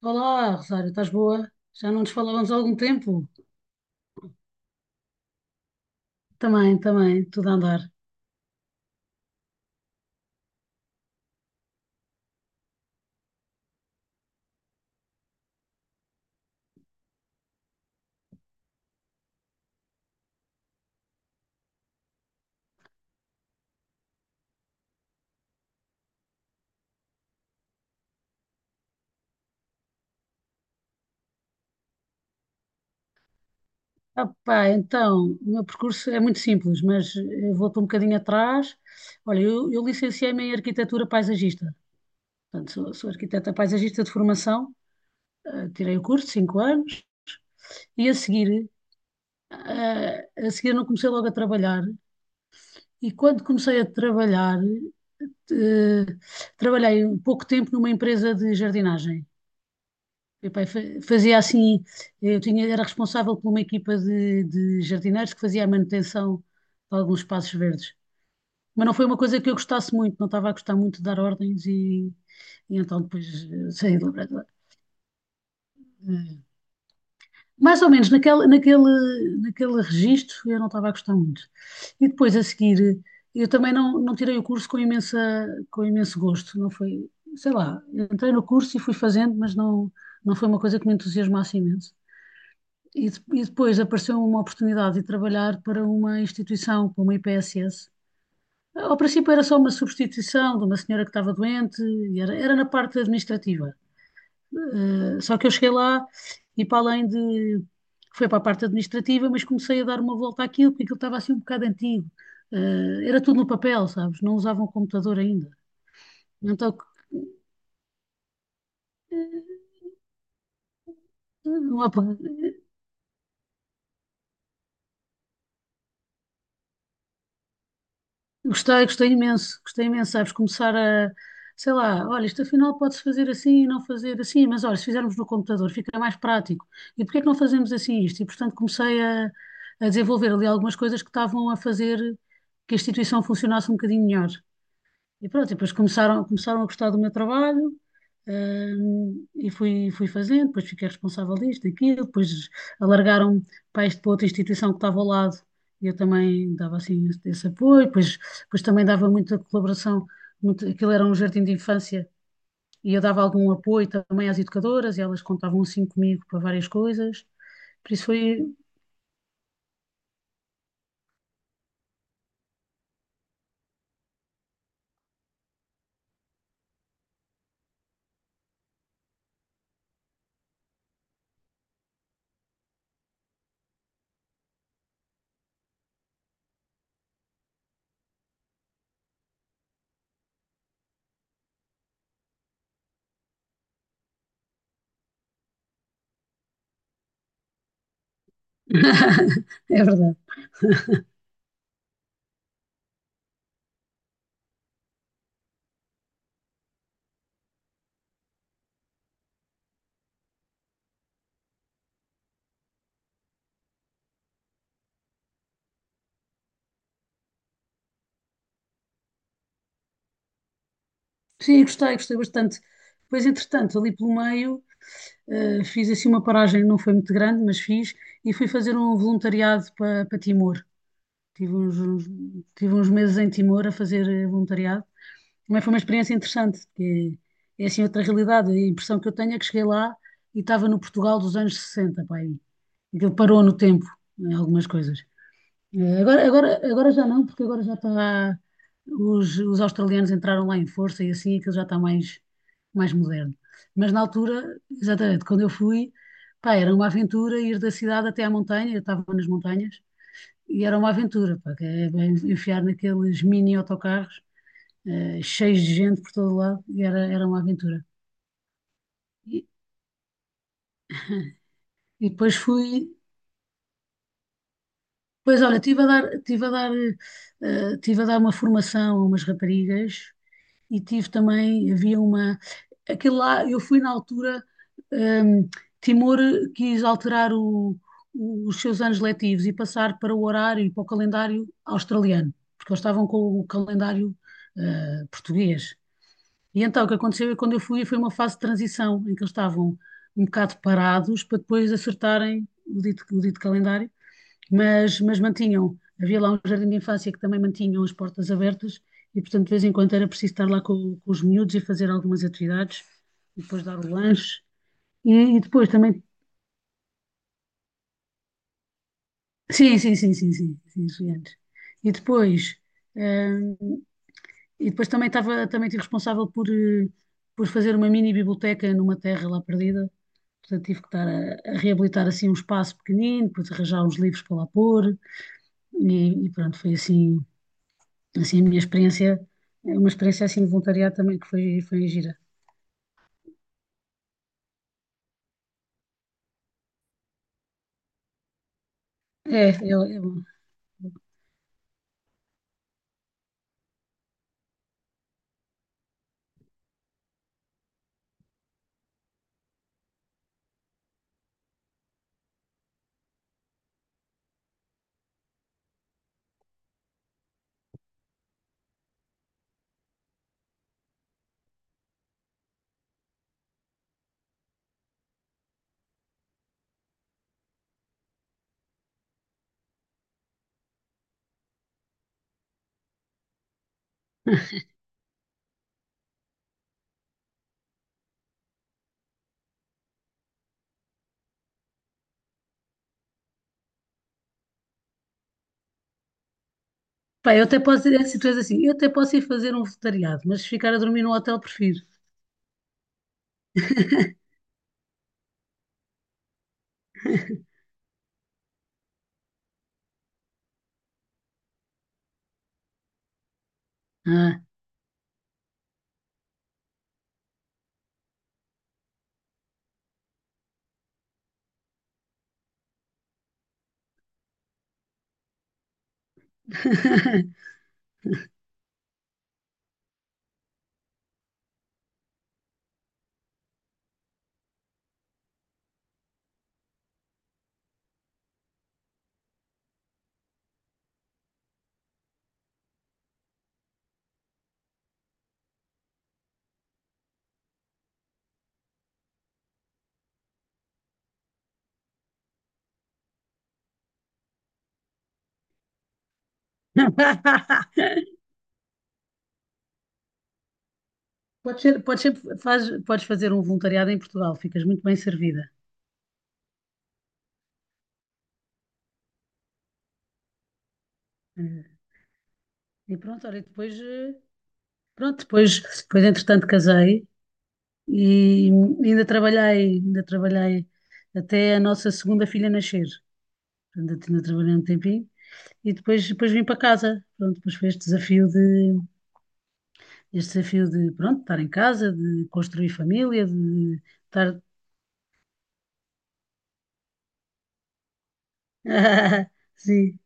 Olá, Rosário, estás boa? Já não nos falávamos há algum tempo? Também, também, tudo a andar. Ah, pá, então, o meu percurso é muito simples, mas volto um bocadinho atrás. Olha, eu licenciei-me em arquitetura paisagista. Portanto, sou arquiteta paisagista de formação. Ah, tirei o curso, 5 anos, e a seguir, ah, a seguir não comecei logo a trabalhar. E quando comecei a trabalhar, eh, trabalhei pouco tempo numa empresa de jardinagem. Epá, fazia assim, eu tinha, era responsável por uma equipa de jardineiros que fazia a manutenção de alguns espaços verdes. Mas não foi uma coisa que eu gostasse muito, não estava a gostar muito de dar ordens e então depois saí do laboratório. Eh, Mais ou menos naquele registro eu não estava a gostar muito. E depois a seguir, eu também não tirei o curso com imensa, com imenso gosto, não foi, sei lá, entrei no curso e fui fazendo, mas não, não foi uma coisa que me entusiasmasse imenso. E, e depois apareceu uma oportunidade de trabalhar para uma instituição, para uma IPSS. Ao princípio era só uma substituição de uma senhora que estava doente, e era, era na parte administrativa. Só que eu cheguei lá e para além de... Foi para a parte administrativa, mas comecei a dar uma volta àquilo, porque aquilo estava assim um bocado antigo. Era tudo no papel, sabes? Não usavam computador ainda. Então, eh, não há problema. Gostei, gostei imenso, sabes, começar a, sei lá, olha, isto afinal pode-se fazer assim e não fazer assim, mas olha, se fizermos no computador fica mais prático. E porquê é que não fazemos assim isto? E portanto comecei a desenvolver ali algumas coisas que estavam a fazer que a instituição funcionasse um bocadinho melhor. E pronto, e depois começaram a gostar do meu trabalho, e fui fazendo, depois fiquei responsável disto, daquilo, depois alargaram-me para para outra instituição que estava ao lado, e eu também dava assim esse apoio, depois, depois também dava muita colaboração, muito, aquilo era um jardim de infância, e eu dava algum apoio também às educadoras, e elas contavam assim comigo para várias coisas, por isso foi... É verdade. Sim, gostei, gostei bastante. Depois, entretanto, ali pelo meio... fiz assim uma paragem, não foi muito grande, mas fiz, e fui fazer um voluntariado para Timor. Tive uns, uns- tive uns meses em Timor a fazer voluntariado. Também foi uma experiência interessante, porque é assim outra realidade. A impressão que eu tenho é que cheguei lá e estava no Portugal dos anos 60, pá, aí. Aquilo parou no tempo, em algumas coisas. É, Agora já não, porque agora já está. Os australianos entraram lá em força e assim aquilo já está mais, mais moderno. Mas na altura, exatamente, quando eu fui, pá, era uma aventura ir da cidade até à montanha, eu estava nas montanhas, e era uma aventura, pá, que é bem enfiar naqueles mini autocarros, cheios de gente por todo lado, e era uma aventura. E, e depois fui. Pois olha, estive a dar, tive a dar, tive a dar uma formação a umas raparigas e tive também, havia uma, aquele lá, eu fui na altura, ehm, Timor quis alterar os seus anos letivos e passar para o horário e para o calendário australiano, porque eles estavam com o calendário, português. E então o que aconteceu é que quando eu fui foi uma fase de transição em que eles estavam um bocado parados para depois acertarem o dito calendário, mas mantinham, havia lá um jardim de infância que também mantinham as portas abertas e, portanto, de vez em quando era preciso estar lá com os miúdos e fazer algumas atividades, e depois dar o lanche, e depois também. Sim, sim, sim, sim, sim, sim, isso. E depois, hum, e depois também estive responsável por, por fazer uma mini biblioteca numa terra lá perdida, portanto tive que estar a reabilitar assim um espaço pequenino, depois arranjar uns livros para lá pôr, e pronto, foi assim. Assim, a minha experiência, é uma experiência assim de voluntariado também que foi gira. É, pá, eu até posso dizer assim, tu és assim, eu até posso ir fazer um voluntariado, mas se ficar a dormir num hotel prefiro. Ah. Podes ser, faz, podes fazer um voluntariado em Portugal, ficas muito bem servida. Eh, E pronto, olha, depois, pronto, depois, depois entretanto casei e ainda trabalhei até a nossa segunda filha nascer. Portanto, ainda trabalhei um tempinho. E depois, depois vim para casa. Pronto, depois foi pronto, estar em casa, de construir família, de estar. Sim,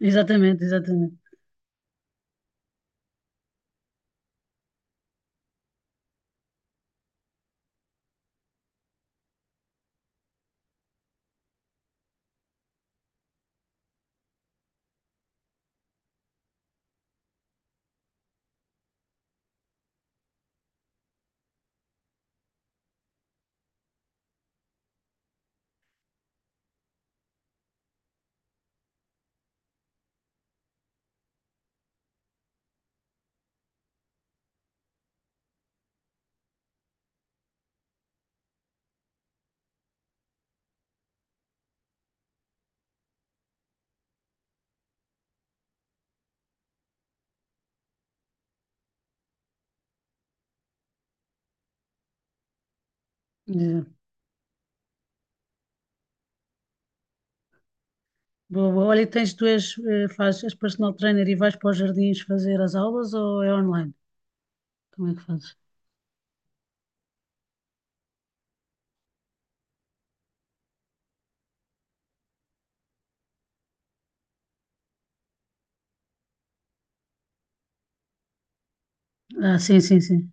exatamente, exatamente. Exato. Boa, boa. Olha, tens, tu és, és personal trainer e vais para os jardins fazer as aulas ou é online? Como é que fazes? Ah, sim, sim, sim.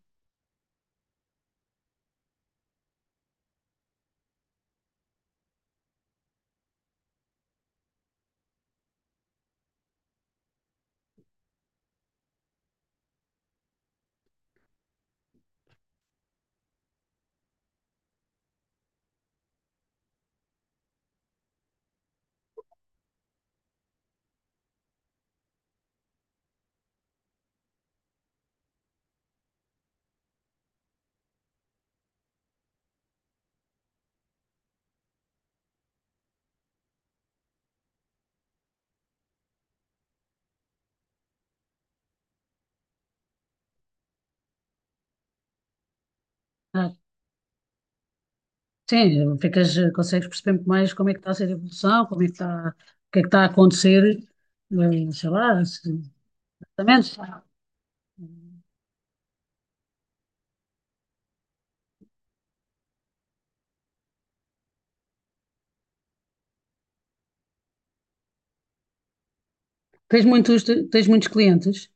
Ah, sim, ficas, consegues perceber muito mais como é que está a ser a evolução, como é que está, o que é que está a acontecer, sei lá, se- exatamente. Tens muitos, tens muitos clientes?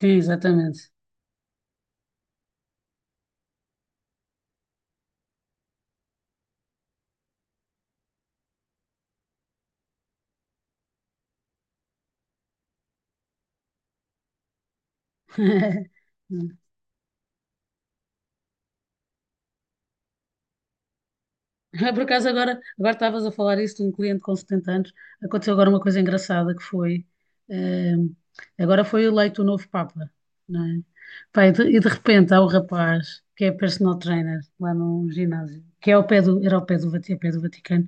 Sim, exatamente. Ah, por acaso, agora, agora estavas a falar isso de um cliente com 70 anos. Aconteceu agora uma coisa engraçada que foi. eh, agora foi eleito o novo Papa, não é? Pá, e de repente há um rapaz que é personal trainer lá num ginásio, que é ao pé do, era ao pé do, ao pé do Vaticano,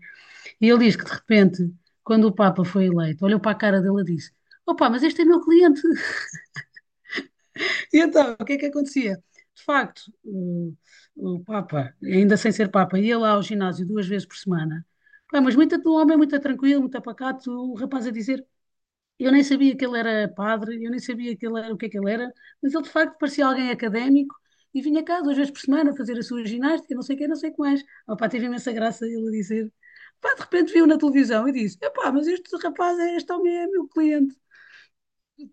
e ele diz que de repente, quando o Papa foi eleito, olhou para a cara dele e disse: "Opa, mas este é meu cliente." E então, o que é que acontecia? De facto, o Papa, ainda sem ser Papa, ia lá ao ginásio duas vezes por semana. Pá, mas muito, um homem é muito tranquilo, muito apacato, o rapaz a dizer, eu nem sabia que ele era padre, eu nem sabia que ele era, o que é que ele era, mas ele de facto parecia alguém académico e vinha cá duas vezes por semana fazer a sua ginástica, não sei o que, não sei o que mais. Ah, pá, teve imensa graça ele a dizer. Pá, de repente viu na televisão e disse, epá, mas este rapaz, é, este homem é meu cliente.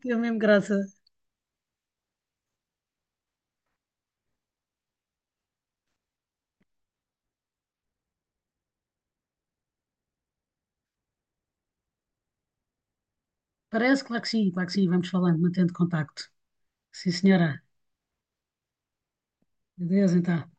Teve mesmo graça. Parece, claro que sim, claro que sim. Vamos falando, mantendo contacto. Sim, senhora. Adeus, então.